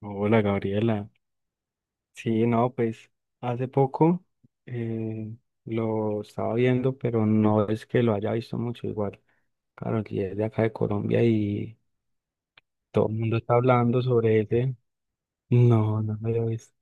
Hola Gabriela. Sí, no, pues hace poco eh, lo estaba viendo, pero no es que lo haya visto mucho igual. Claro, y es de acá de Colombia y todo el mundo está hablando sobre ese. No, no me lo he visto.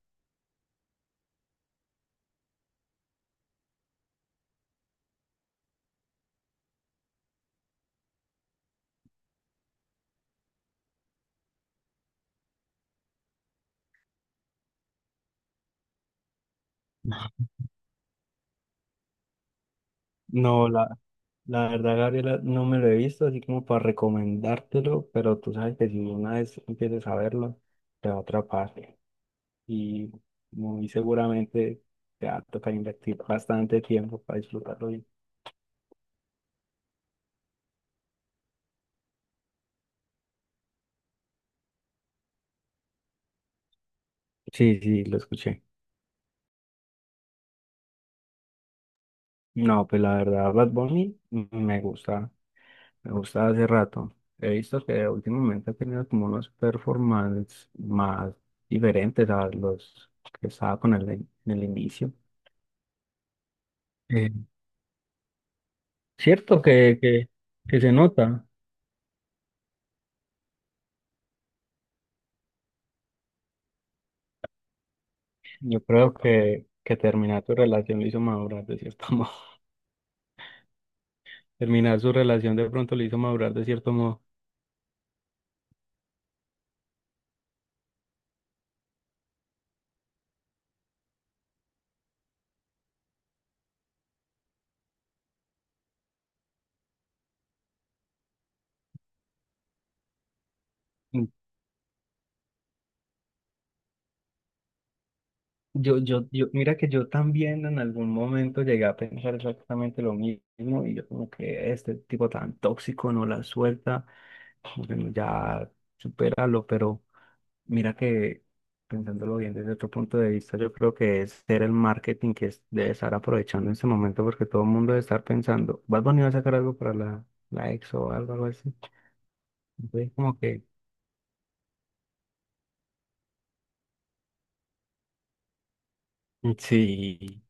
No, la verdad, Gabriela, no me lo he visto, así como para recomendártelo, pero tú sabes que si una vez empieces a verlo, te va a atrapar y muy seguramente te va a tocar invertir bastante tiempo para disfrutarlo bien. Sí, sí, lo escuché. No, pues la verdad, Bad Bunny me gusta hace rato. He visto que últimamente ha tenido como unos performances más diferentes a los que estaba en el inicio. Eh, cierto que, se nota. Yo creo que, terminar tu relación lo hizo madurar de cierto modo. Terminar su relación de pronto lo hizo madurar de cierto modo. Mira que yo también en algún momento llegué a pensar exactamente lo mismo, y yo como que este tipo tan tóxico no la suelta, como que ya supéralo. Pero mira que, pensándolo bien desde otro punto de vista, yo creo que es ser el marketing que debe estar aprovechando en ese momento, porque todo el mundo debe estar pensando, ¿vas a venir a sacar algo para la ex o algo así? Entonces como que sí.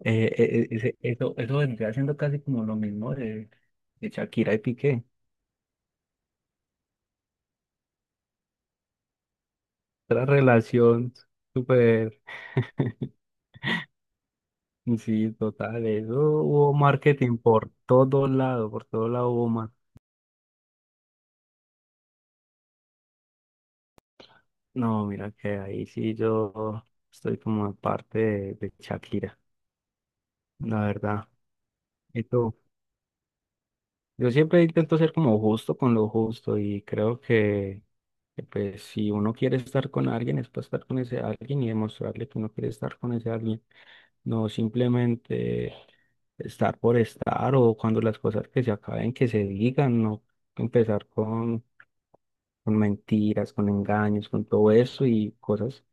Eso, vendría siendo casi como lo mismo de, Shakira y Piqué. Otra relación súper, sí, total. Eso, hubo marketing por todo lado, por todo lado hubo marketing. No, mira que ahí sí yo estoy como en parte de, Shakira, la verdad. Y tú, yo siempre intento ser como justo con lo justo, y creo que, pues si uno quiere estar con alguien es para estar con ese alguien y demostrarle que uno quiere estar con ese alguien. No simplemente estar por estar, o cuando las cosas que se acaben, que se digan, no empezar con, mentiras, con engaños, con todo eso y cosas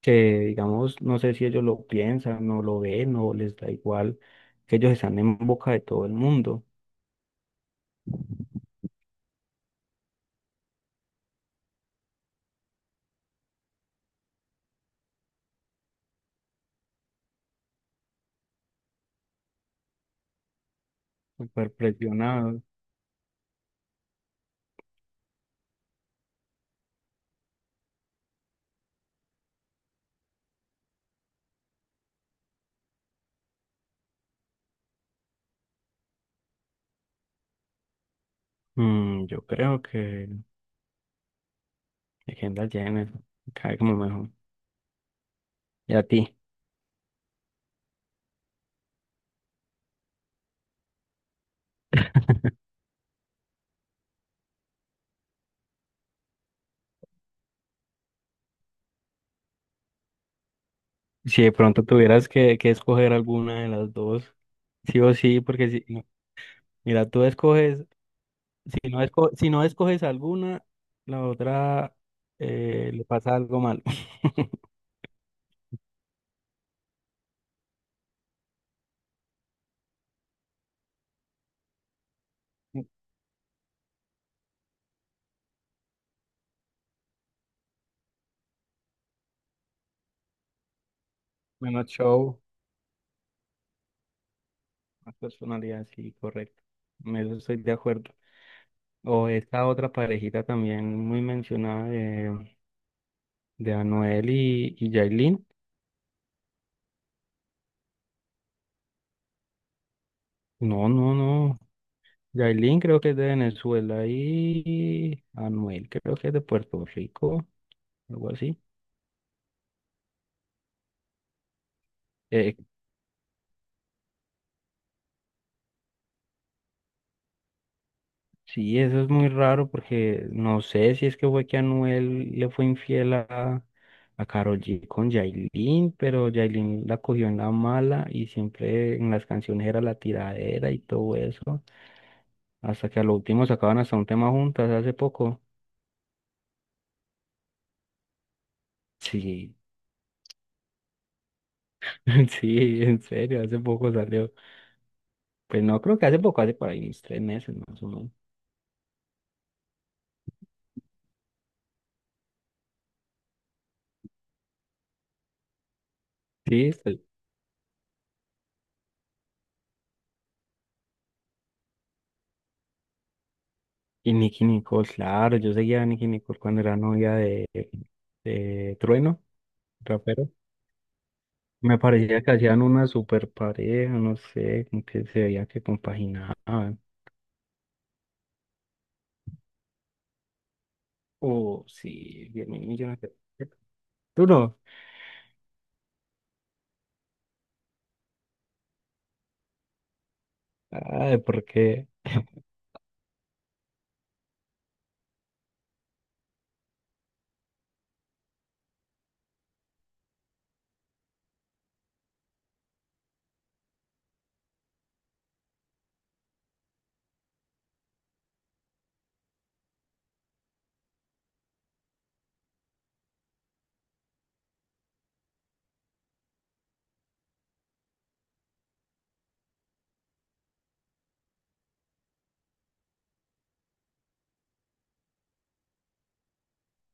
que, digamos, no sé si ellos lo piensan, no lo ven o les da igual, que ellos están en boca de todo el mundo, súper presionados. Yo creo que Kendall Jenner cae como mejor. ¿Y a ti? Si de pronto tuvieras que, escoger alguna de las dos, sí o sí, porque sí. Mira, tú escoges, si no escoges alguna, la otra le pasa algo malo. Menos show, más personalidad, sí, correcto. En eso estoy de acuerdo. O esta otra parejita también muy mencionada de, Anuel y Yailin. No, no, no. Yailin creo que es de Venezuela y Anuel creo que es de Puerto Rico, algo así. Eh, Sí eso es muy raro, porque no sé si es que fue que Anuel le fue infiel a, Karol G con Yailin, pero Yailin la cogió en la mala y siempre en las canciones era la tiradera y todo eso, hasta que a lo último sacaban hasta un tema juntas hace poco. Sí, sí, en serio, hace poco salió. Pues no creo que hace poco, hace por ahí unos tres meses más o menos. Sí, y Nicki Nicole, claro, yo seguía a Nicki Nicole cuando era novia de, Trueno, rapero. Me parecía que hacían una super pareja, no sé, como que se veía que compaginaban. Oh, sí, 10 mil millones de pesos. ¿Tú no? Ay, ¿por qué?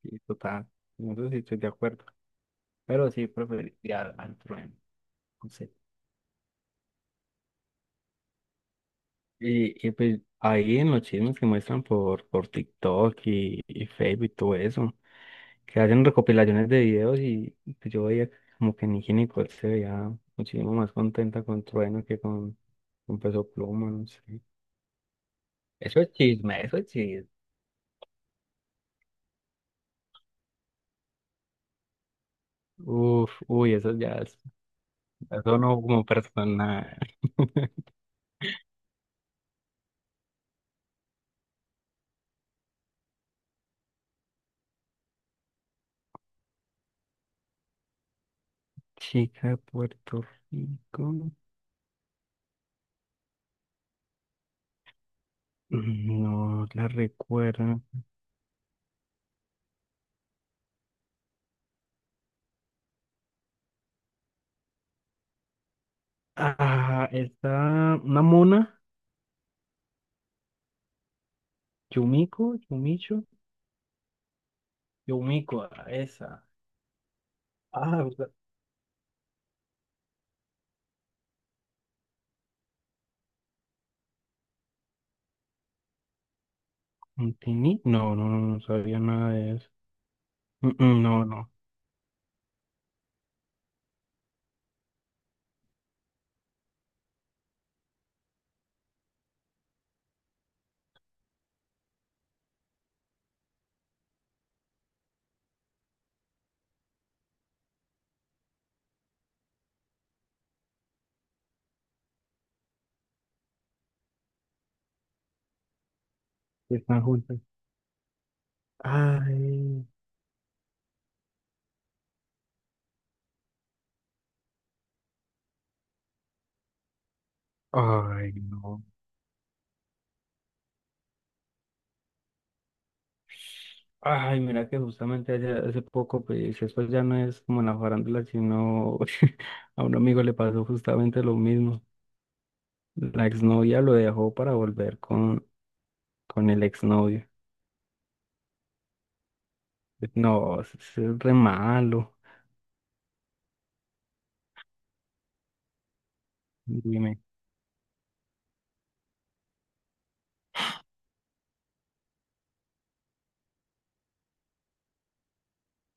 Sí, total. No sé si estoy de acuerdo. Pero sí, preferiría al, trueno. No sé. Y pues ahí en los chismes que muestran por, TikTok y Facebook y todo eso, que hacen recopilaciones de videos y pues, yo veía como que Nicki Nicole se veía muchísimo más contenta con Trueno que con, Peso Pluma, no sé. Eso es chisme, eso es chisme. Uf, uy, eso ya es, eso no como persona. Chica de Puerto Rico. No la recuerdo. Ah, está una mona. Yumiko, Yumicho, Yumiko, ah, esa. Ah, o sea, ¿Tini? No, no, no, no sabía nada de eso. Mm, mm, no, no, están juntas. Ay, ay, no. Ay, mira que justamente hace poco, pues eso ya no es como en la farándula, sino a un amigo le pasó justamente lo mismo. La exnovia lo dejó para volver con, el exnovio. No, eso es re malo. Dime.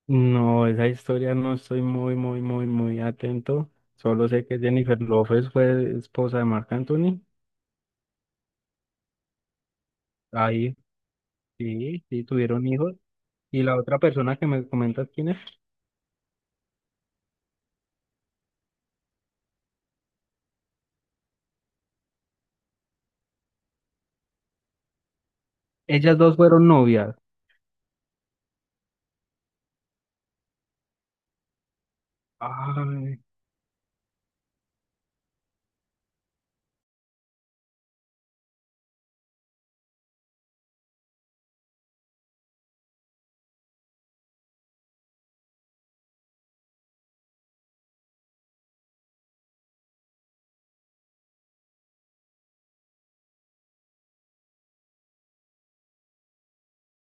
No, esa historia no estoy muy, muy, muy, muy atento. Solo sé que Jennifer López fue esposa de Marc Anthony. Ahí, sí, sí, tuvieron hijos. Y la otra persona que me comentas quién es, ellas dos fueron novias. Ay.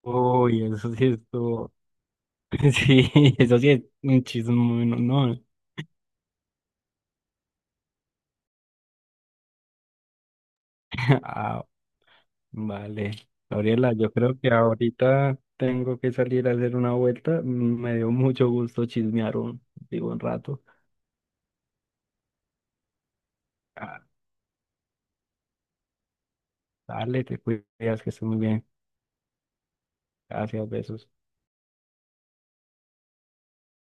Uy, eso sí estuvo. Sí, eso sí es un chisme, no, no. Ah, vale. Gabriela, yo creo que ahorita tengo que salir a hacer una vuelta. Me dio mucho gusto chismear un, digo, un rato. Ah, dale, te cuidas, que estés muy bien. Gracias, besos.